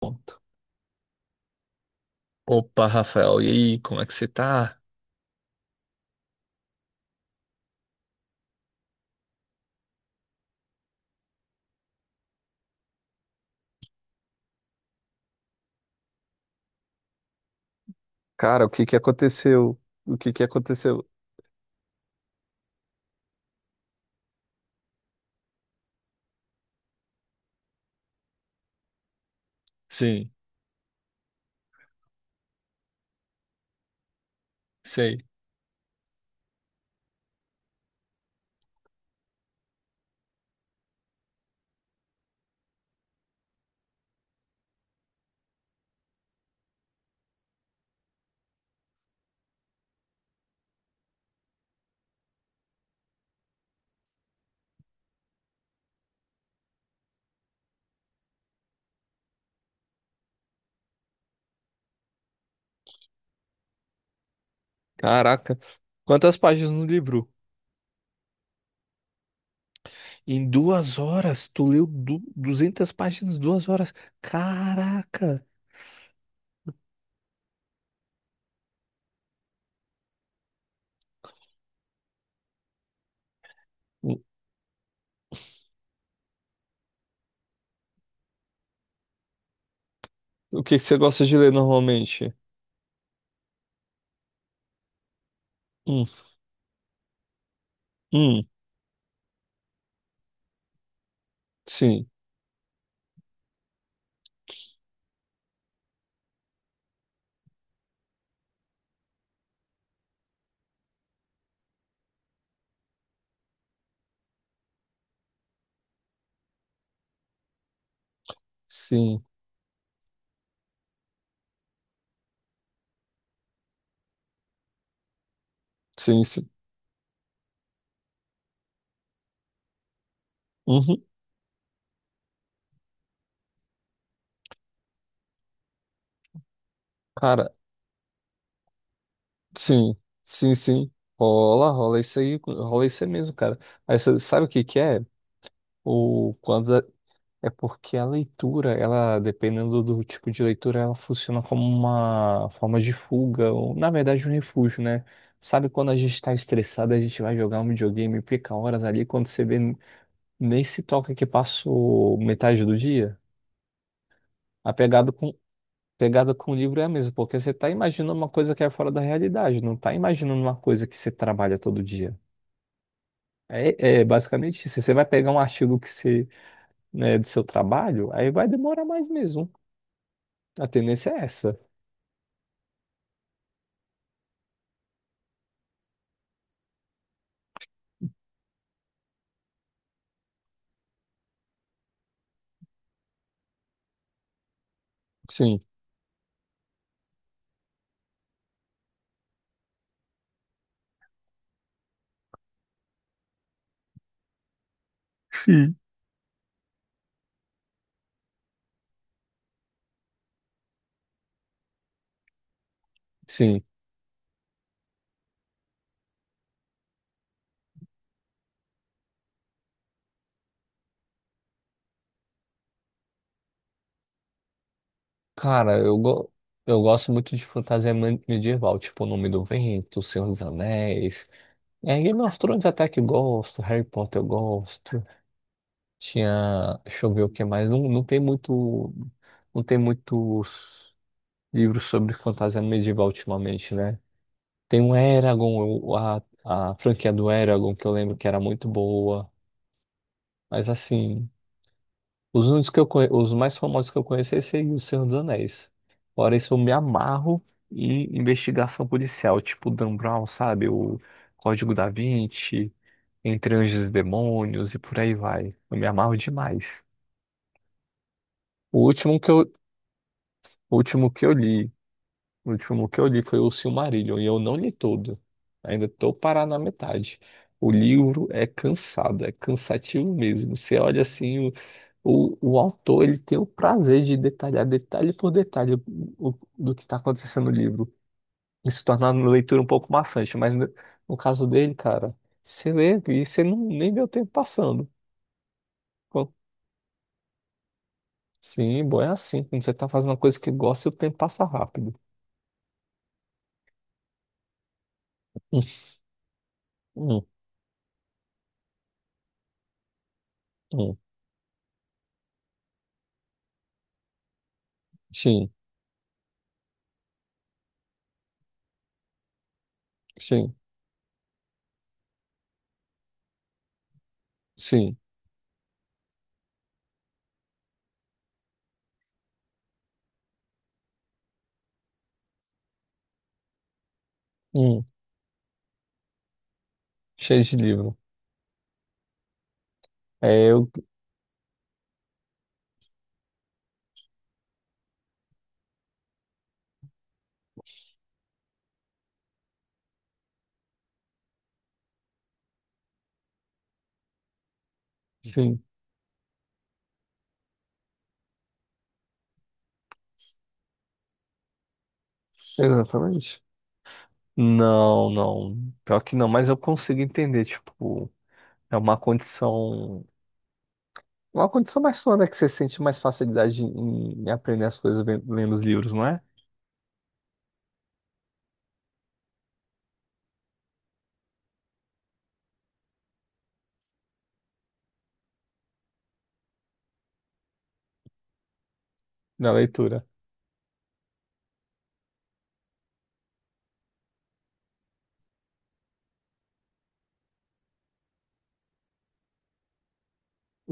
Pronto. Opa, Rafael, e aí, como é que você tá? Cara, o que que aconteceu? O que que aconteceu? Sim, sei. Caraca, quantas páginas no livro? Em 2 horas, tu leu du 200 páginas 2 horas. Caraca! O o que que você gosta de ler normalmente? Hum, hum, sim, sim, sim, sim. Uhum, cara, sim, sim, sim. Rola, rola isso aí mesmo, cara. Aí você sabe o que que é? O quando, É porque a leitura, ela, dependendo do tipo de leitura, ela funciona como uma forma de fuga, ou na verdade um refúgio, né? Sabe quando a gente está estressado, a gente vai jogar um videogame, e fica horas ali, quando você vê, nem se toca que passou metade do dia? A pegada com o livro é a mesma, porque você está imaginando uma coisa que é fora da realidade, não está imaginando uma coisa que você trabalha todo dia. É basicamente isso. Você vai pegar um artigo que você, né, do seu trabalho, aí vai demorar mais mesmo. A tendência é essa. Sim, sim. Sim. Cara, eu gosto muito de fantasia medieval, tipo O Nome do Vento, Senhor dos Anéis. É, Game of Thrones até que eu gosto, Harry Potter eu gosto. Tinha. Deixa eu ver o que mais. Não, não tem muito. Não tem muitos livros sobre fantasia medieval ultimamente, né? Tem o Eragon, a franquia do Eragon, que eu lembro que era muito boa. Mas assim. Os mais famosos que eu conheço é esse aí, O Senhor dos Anéis. Fora isso, eu me amarro em investigação policial, tipo Dan Brown, sabe? O Código da Vinci, Entre Anjos e Demônios e por aí vai. Eu me amarro demais. O último que eu, o último que eu li. O último que eu li foi o Silmarillion e eu não li todo. Ainda tô parado na metade. O livro é cansado, é cansativo mesmo. Você olha assim, o autor ele tem o prazer de detalhar detalhe por detalhe o, do que está acontecendo no livro. Isso torna a leitura um pouco maçante, mas no caso dele, cara, você lê e você não, nem vê o tempo passando. Pô, sim, bom, é assim. Quando você tá fazendo uma coisa que gosta, o tempo passa rápido. Hum, hum, hum. Sim, sim, sim. Hum. Cheio de livro. É, eu, sim, exatamente. Não, não. Pior que não, mas eu consigo entender, tipo, é uma condição mais sua, né, que você sente mais facilidade em aprender as coisas lendo os livros, não é? Na leitura.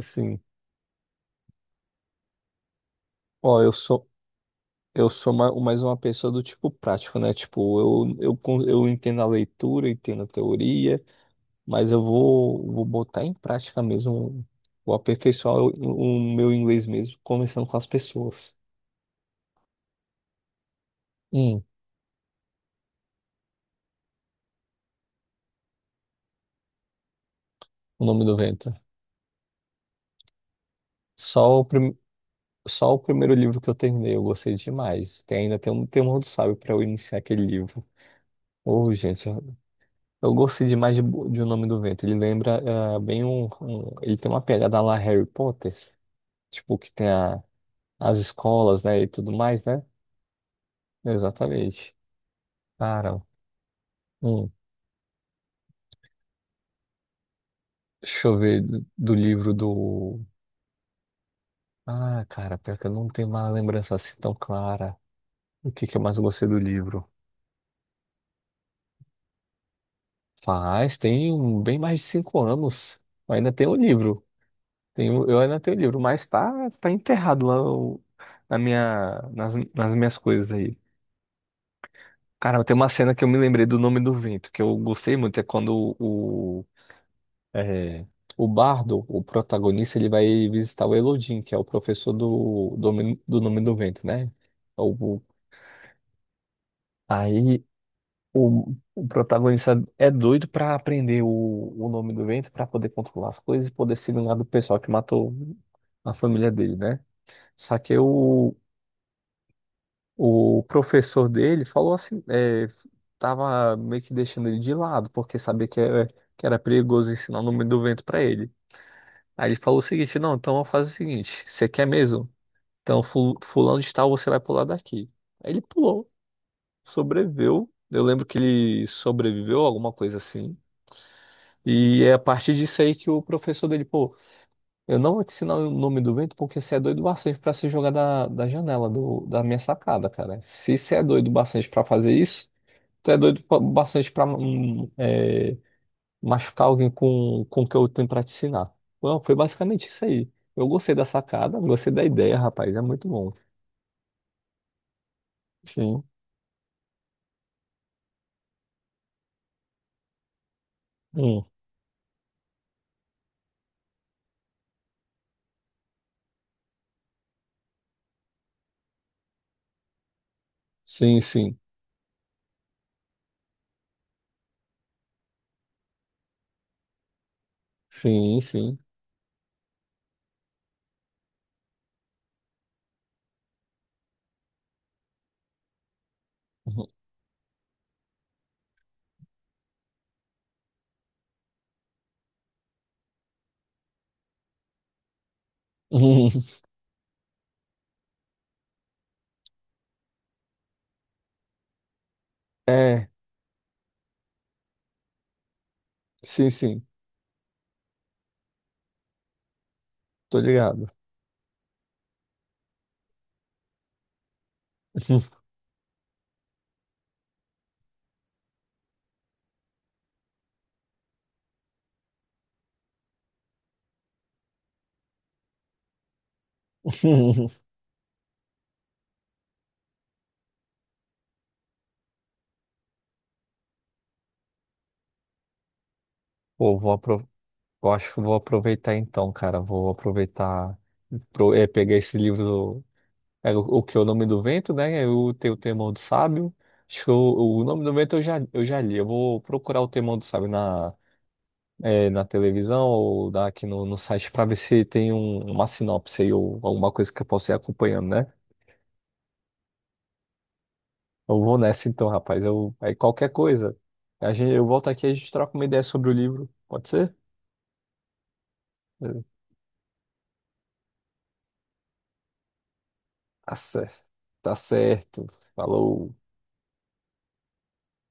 Sim. Ó, eu sou mais uma pessoa do tipo prático, né? Tipo, eu entendo a leitura, entendo a teoria, mas eu vou botar em prática mesmo, vou aperfeiçoar o meu inglês mesmo, começando com as pessoas. Hum. O Nome do Vento. Só o, prim... Só o primeiro livro que eu terminei, eu gostei demais. Ainda tem um temor do sábio para eu iniciar aquele livro. Oh, gente, eu gostei demais de O Nome do Vento. Ele lembra bem. Ele tem uma pegada lá Harry Potter, tipo, que tem as escolas, né, e tudo mais, né? Exatamente. Cara, hum, deixa eu ver do livro do. Ah, cara, pior que eu não tenho uma lembrança assim tão clara. O que que eu mais gostei do livro? Tem um, bem mais de 5 anos. Eu ainda tenho o livro. Tenho, eu ainda tenho o livro, mas tá enterrado lá nas minhas coisas aí. Cara, tem uma cena que eu me lembrei do Nome do Vento, que eu gostei muito, é quando é, o Bardo, o protagonista, ele vai visitar o Elodin, que é o professor do Nome do Vento, né? O, o- aí o protagonista é doido pra aprender o nome do vento pra poder controlar as coisas e poder se vingar do pessoal que matou a família dele, né? Só que o professor dele falou assim, tava meio que deixando ele de lado, porque sabia que era perigoso ensinar o nome do vento pra ele. Aí ele falou o seguinte, não, então vamos fazer o seguinte, você quer mesmo? Então fulano de tal, você vai pular daqui. Aí ele pulou, sobreviveu. Eu lembro que ele sobreviveu, alguma coisa assim. E é a partir disso aí que o professor dele, pô, eu não vou te ensinar o nome do vento porque você é doido bastante pra se jogar da janela da minha sacada, cara. Se você é doido bastante pra fazer isso, tu é doido bastante pra machucar alguém com o que eu tenho pra te ensinar. Bom, foi basicamente isso aí. Eu gostei da sacada, gostei da ideia, rapaz, é muito bom. Sim. Hum. Sim, sim, sim, sim. Uhum. É, sim, sim, tô ligado. Pô, vou aproveitar. Eu acho que eu vou aproveitar então, cara. Vou aproveitar, pegar esse livro, o que é o Nome do Vento, né? Eu tenho o Temor do Sábio. Acho que o Nome do Vento eu já li. Eu vou procurar o Temor do Sábio na televisão ou dar aqui no site para ver se tem uma sinopse aí ou alguma coisa que eu possa ir acompanhando, né? Eu vou nessa então, rapaz. Eu, aí qualquer coisa, a gente, eu volto aqui e a gente troca uma ideia sobre o livro. Pode ser? Eh, Tá certo. Tá certo. Falou.